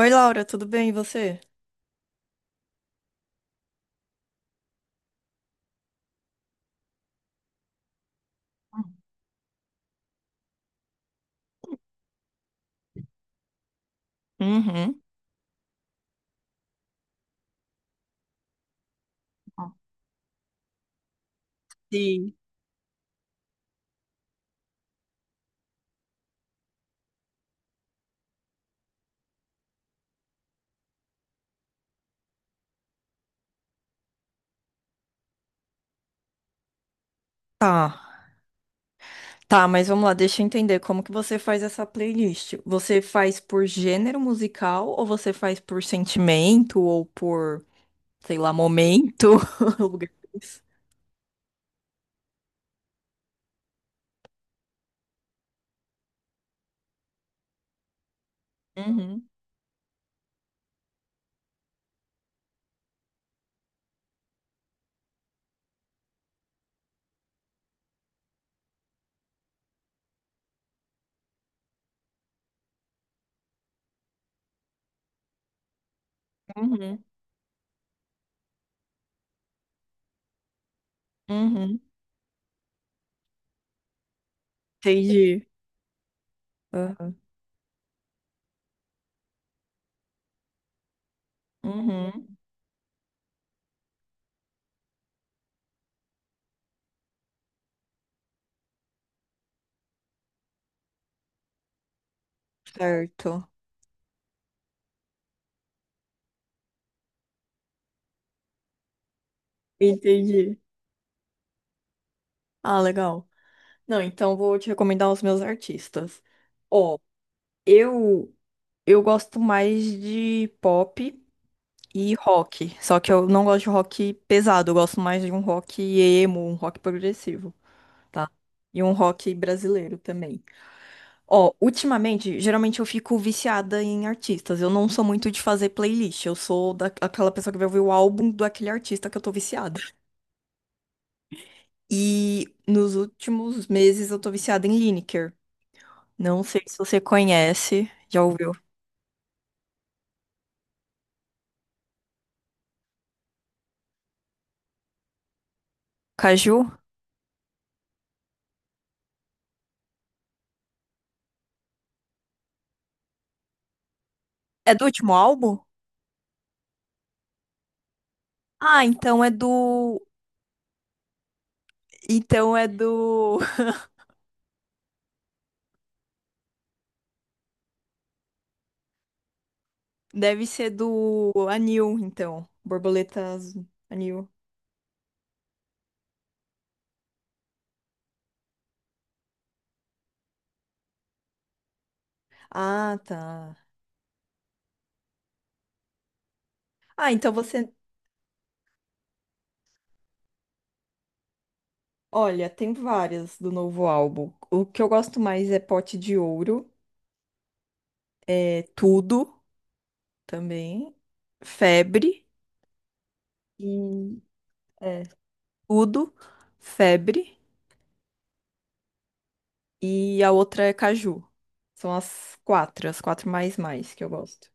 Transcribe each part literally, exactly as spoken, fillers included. Oi, Laura, tudo bem? E você? Uhum. Sim. Tá, tá, mas vamos lá, deixa eu entender como que você faz essa playlist. Você faz por gênero musical ou você faz por sentimento ou por, sei lá, momento? Lugar. Uhum. Uhum. Uhum. Entendi. Aham. Uhum. Certo. Entendi. Ah, legal. Não, então vou te recomendar os meus artistas. Ó, eu eu gosto mais de pop e rock. Só que eu não gosto de rock pesado, eu gosto mais de um rock emo, um rock progressivo, tá? E um rock brasileiro também. Ó, ultimamente, geralmente eu fico viciada em artistas. Eu não sou muito de fazer playlist. Eu sou daquela pessoa que vai ouvir o álbum do aquele artista que eu tô viciada. E nos últimos meses eu tô viciada em Lineker. Não sei se você conhece, já ouviu? Caju? É do último álbum? Ah, então é do. Então é do. Deve ser do Anil, então. Borboleta Azul. Anil. Ah, tá. Ah, então você. Olha, tem várias do novo álbum. O que eu gosto mais é Pote de Ouro, é Tudo também, Febre e é Tudo, Febre e a outra é Caju. São as quatro, as quatro mais mais que eu gosto.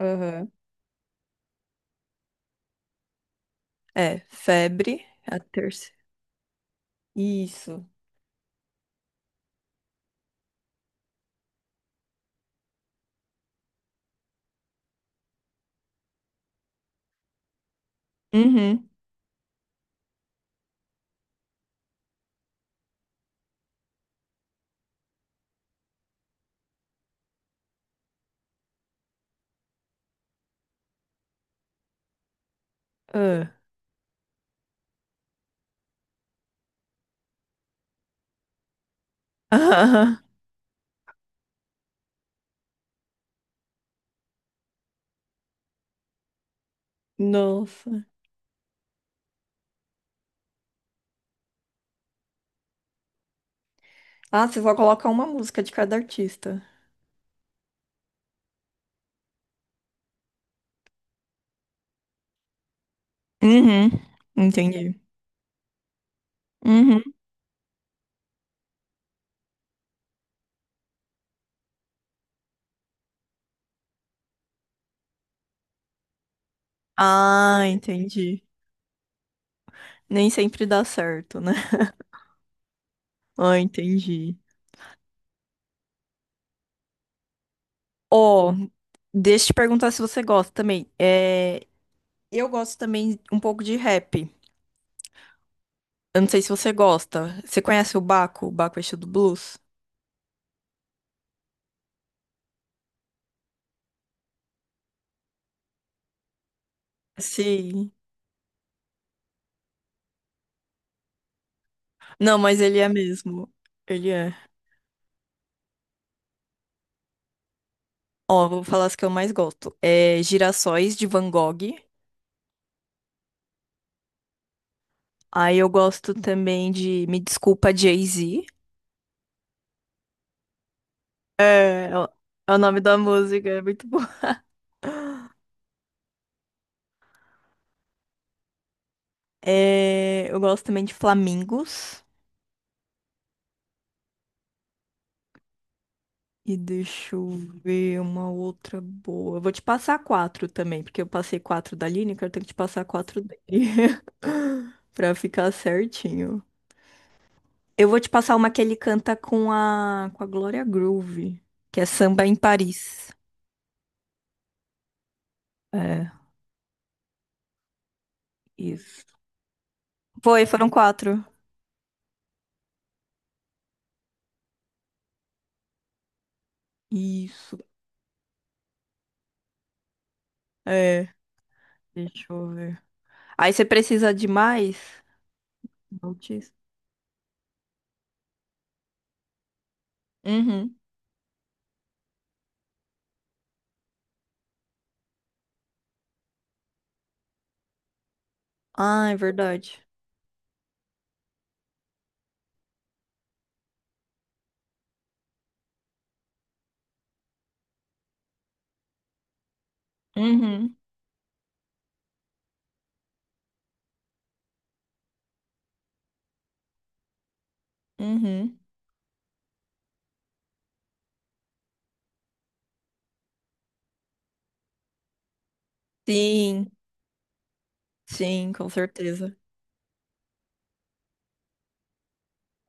Aham. É, Febre, a terceira. Isso. Uhum. Ah. Nossa. Ah, você só coloca uma música de cada artista. Uhum, entendi. Uhum. Ah, entendi. Nem sempre dá certo, né? Ah, entendi. Ó, deixa eu te perguntar se você gosta também. É, eu gosto também um pouco de rap. Eu não sei se você gosta. Você conhece o Baco? O Baco é do blues? Sim. Não, mas ele é mesmo. Ele é. Ó, vou falar as que eu mais gosto. É Girassóis de Van Gogh. Aí eu gosto também de Me Desculpa Jay-Z. É, é o é o nome da música, é muito bom. É, eu gosto também de Flamingos. E deixa eu ver uma outra boa. Eu vou te passar quatro também, porque eu passei quatro da Lineker, eu tenho que te passar quatro dele. Pra ficar certinho. Eu vou te passar uma que ele canta com a, com a Gloria Groove, que é Samba em Paris. É, isso. Foi, foram quatro. Isso. É, deixa eu ver. Aí você precisa de mais? Não. Uhum. Ah, é verdade. Uhum, uhum. Sim, sim, com certeza.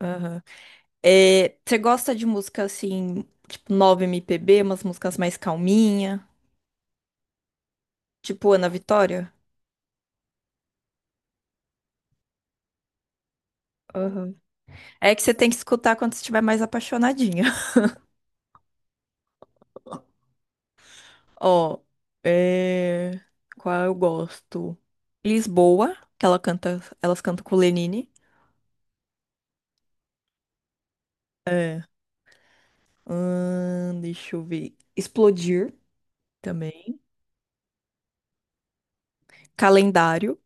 Aham. É, você gosta de música assim, tipo nove M P B, umas músicas mais calminha, tipo Ana Vitória? Aham. É que você tem que escutar quando você estiver mais apaixonadinha. Ó, é... qual eu gosto? Lisboa, que ela canta, elas cantam com o Lenine. É. Ahn, deixa eu ver. Explodir também. Calendário.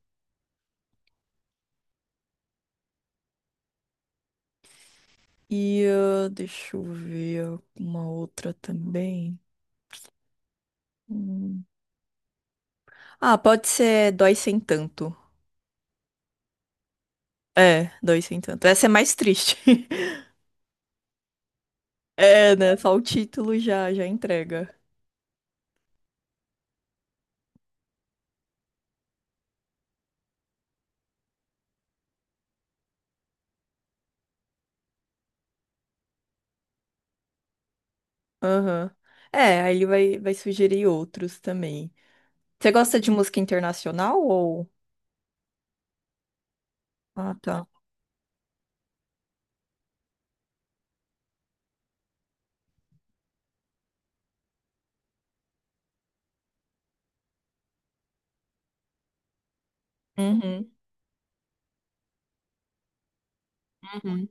E ah, deixa eu ver uma outra também. Hum. Ah, pode ser Dói Sem Tanto. É, Dói Sem Tanto. Essa é mais triste. É, né? Só o título já, já entrega. Aham. É, aí ele vai, vai sugerir outros também. Você gosta de música internacional ou... Ah, tá. Uhum. Uhum.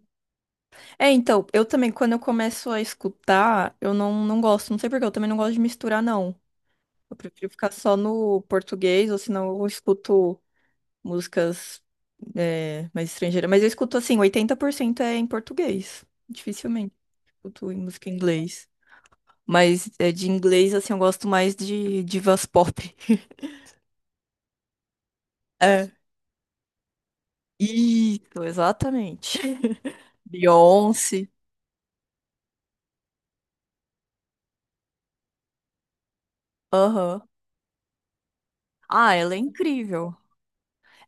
É, então, eu também, quando eu começo a escutar, eu não, não gosto. Não sei por quê, eu também não gosto de misturar, não. Eu prefiro ficar só no português, ou senão eu escuto músicas é, mais estrangeiras. Mas eu escuto assim, oitenta por cento é em português. Dificilmente escuto em música em inglês. Mas é, de inglês, assim, eu gosto mais de divas pop. É. Isso, exatamente. Beyoncé. Aham. Ah, ela é incrível.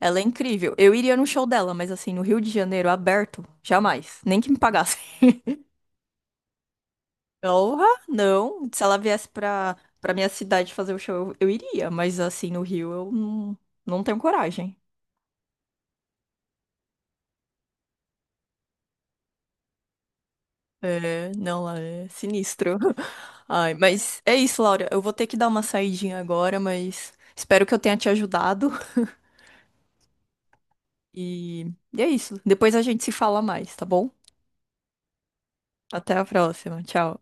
Ela é incrível. Eu iria no show dela, mas assim, no Rio de Janeiro, aberto, jamais. Nem que me pagassem. Porra, não. Se ela viesse pra, pra minha cidade fazer o show, eu, eu iria, mas assim, no Rio eu não, não tenho coragem. É, não, lá é sinistro. Ai, mas é isso, Laura. Eu vou ter que dar uma saidinha agora, mas espero que eu tenha te ajudado. E, e é isso. Depois a gente se fala mais, tá bom? Até a próxima. Tchau.